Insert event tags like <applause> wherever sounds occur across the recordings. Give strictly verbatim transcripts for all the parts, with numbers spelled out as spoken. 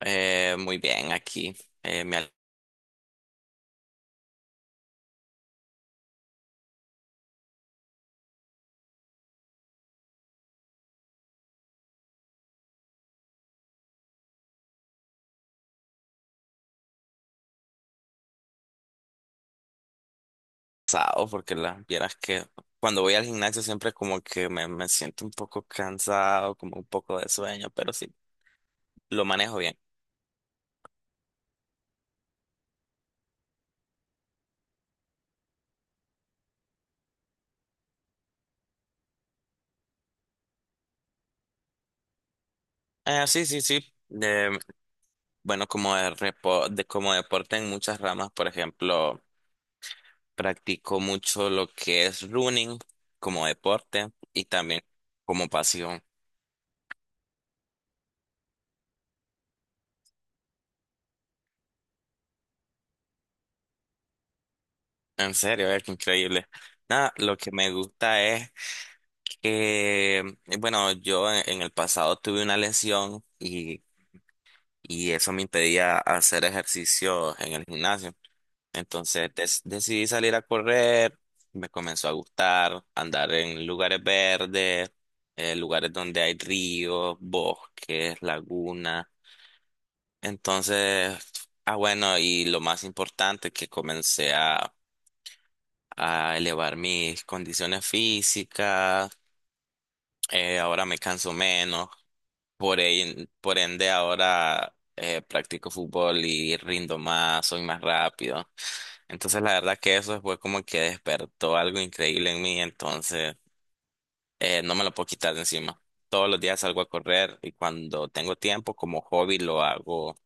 Eh, muy bien, aquí eh, me ha alzado porque la vieras que cuando voy al gimnasio siempre como que me, me siento un poco cansado, como un poco de sueño, pero sí, lo manejo bien. Eh, sí, sí, sí. Eh, bueno, como, de repo- de- como deporte en muchas ramas, por ejemplo, practico mucho lo que es running como deporte y también como pasión. En serio, es increíble. Nada, lo que me gusta es... Eh, bueno, yo en en el pasado tuve una lesión y, y eso me impedía hacer ejercicio en el gimnasio. Entonces des- decidí salir a correr, me comenzó a gustar andar en lugares verdes, eh, lugares donde hay ríos, bosques, lagunas. Entonces, ah bueno, y lo más importante que comencé a, a elevar mis condiciones físicas, eh, ahora me canso menos. Por, ahí por ende, ahora eh, practico fútbol y rindo más, soy más rápido. Entonces, la verdad que eso fue como que despertó algo increíble en mí. Entonces, eh, no me lo puedo quitar de encima. Todos los días salgo a correr y cuando tengo tiempo, como hobby, lo hago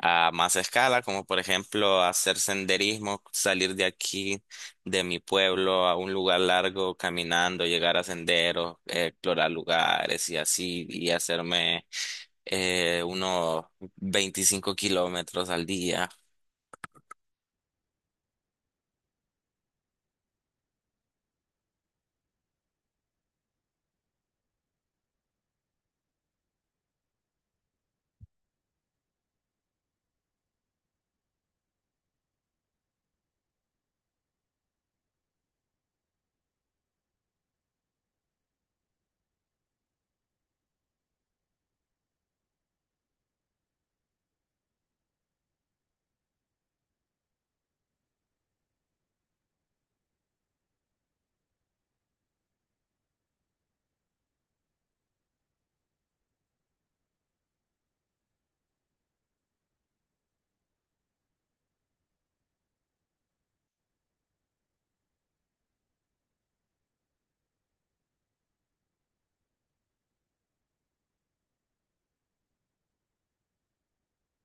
a más escala, como por ejemplo hacer senderismo, salir de aquí, de mi pueblo, a un lugar largo caminando, llegar a senderos, eh, explorar lugares y así, y hacerme eh, unos veinticinco kilómetros al día.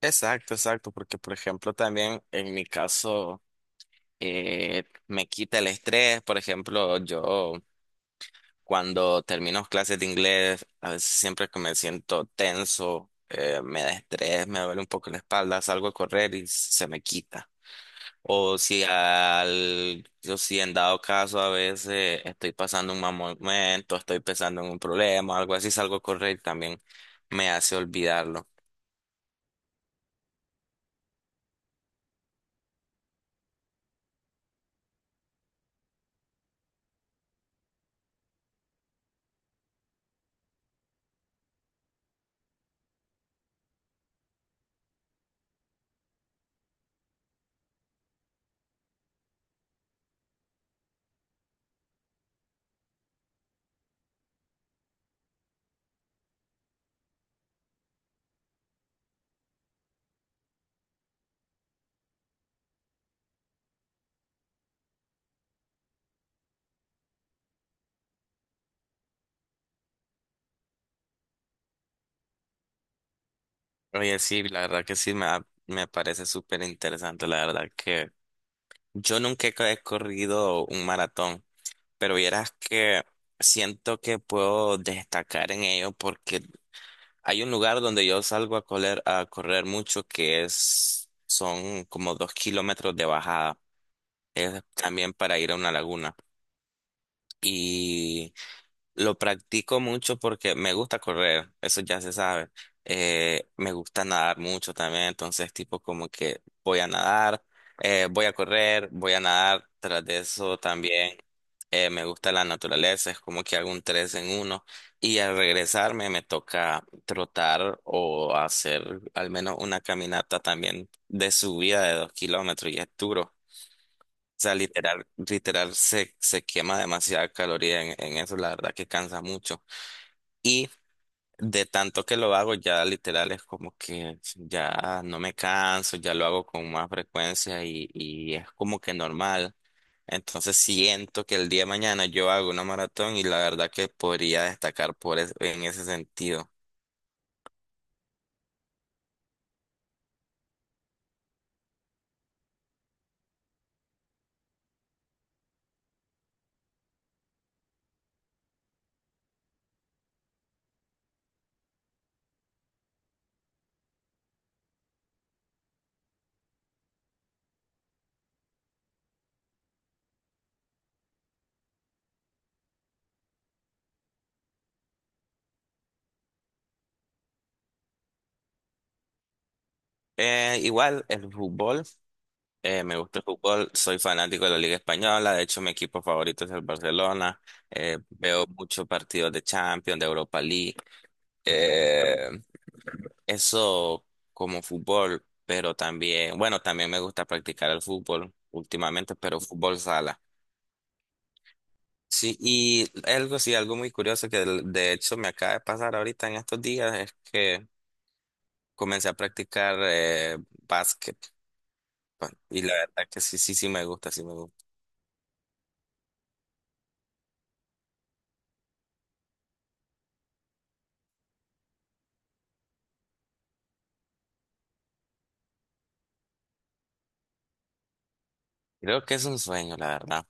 Exacto, exacto, porque por ejemplo también en mi caso eh, me quita el estrés, por ejemplo yo... Cuando termino clases de inglés, a veces siempre que me siento tenso, eh, me da estrés, me duele un poco la espalda, salgo a correr y se me quita. O si al, yo si en dado caso a veces estoy pasando un mal momento, estoy pensando en un problema, algo así, salgo a correr y también me hace olvidarlo. Oye, sí, la verdad que sí, me, ha- me parece súper interesante, la verdad que yo nunca he corrido un maratón, pero vieras que siento que puedo destacar en ello porque hay un lugar donde yo salgo a correr, a correr mucho que es, son como dos kilómetros de bajada. Es también para ir a una laguna. Lo practico mucho porque me gusta correr, eso ya se sabe. Eh, me gusta nadar mucho también, entonces tipo como que voy a nadar, eh, voy a correr, voy a nadar. Tras de eso también eh, me gusta la naturaleza, es como que hago un tres en uno y al regresarme me toca trotar o hacer al menos una caminata también de subida de dos kilómetros y es duro. O sea, literal, literal se, se quema demasiada caloría en, en eso, la verdad que cansa mucho. Y de tanto que lo hago, ya literal es como que ya no me canso, ya lo hago con más frecuencia y, y es como que normal. Entonces siento que el día de mañana yo hago una maratón y la verdad que podría destacar por es- en ese sentido. Eh, igual el fútbol, eh, me gusta el fútbol, soy fanático de la Liga Española, de hecho mi equipo favorito es el Barcelona, eh, veo muchos partidos de Champions, de Europa League. Eh, Eso como fútbol, pero también, bueno, también me gusta practicar el fútbol últimamente, pero fútbol sala. Sí, y algo, sí, algo muy curioso que de de hecho me acaba de pasar ahorita en estos días es que comencé a practicar eh, básquet. pa- Y la verdad que sí, sí, sí me gusta, sí me gusta. Creo que es un sueño, la verdad.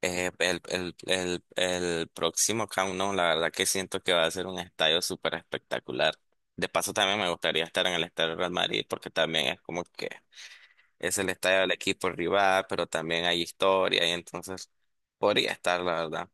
Eh, el, el, el, el próximo Camp Nou, la verdad que siento que va a ser un estadio súper espectacular. De paso, también me gustaría estar en el estadio del Real Madrid porque también es como que es el estadio del equipo rival, pero también hay historia y entonces podría estar, la verdad.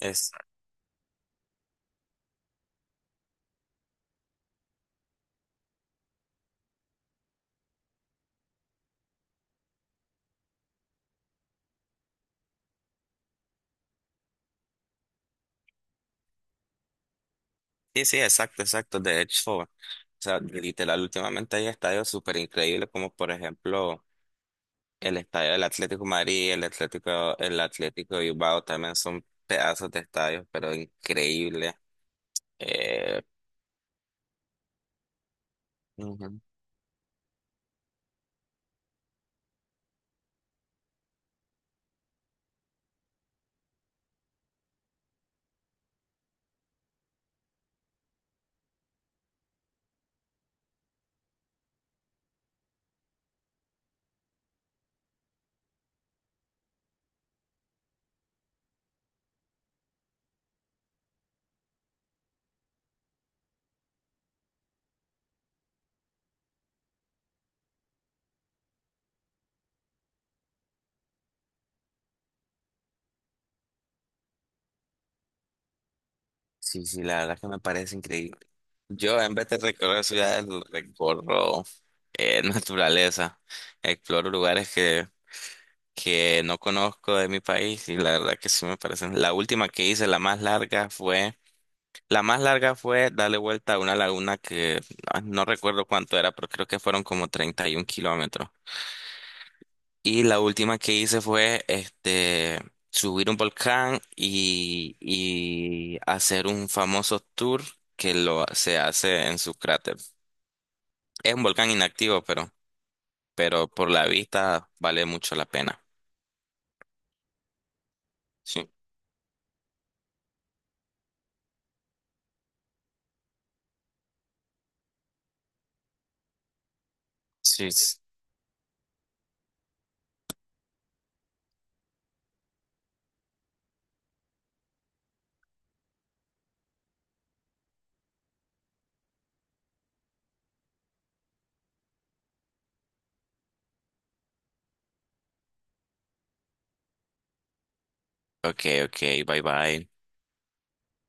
Es, sí, sí, exacto, exacto. De hecho, o sea, literal, últimamente hay estadios súper increíbles como por ejemplo el estadio del Atlético de Madrid, el Atlético, el Atlético de Bilbao también son pedazos de estadios, pero increíbles. Eh, ujú. Sí, sí, la verdad que me parece increíble. Yo en vez de recorrer ciudades, recorro eh, <laughs> naturaleza, exploro lugares que, que no conozco de mi país y la verdad que sí me parecen. La última que hice, la más larga fue, La más larga fue darle vuelta a una laguna que ah, no recuerdo cuánto era, pero creo que fueron como treinta y un kilómetros. Y la última que hice fue este, subir un volcán y, y hacer un famoso tour que lo, se hace en su cráter. Es un volcán inactivo, pero, pero por la vista vale mucho la pena. Sí. Sí. Ok, ok, bye bye.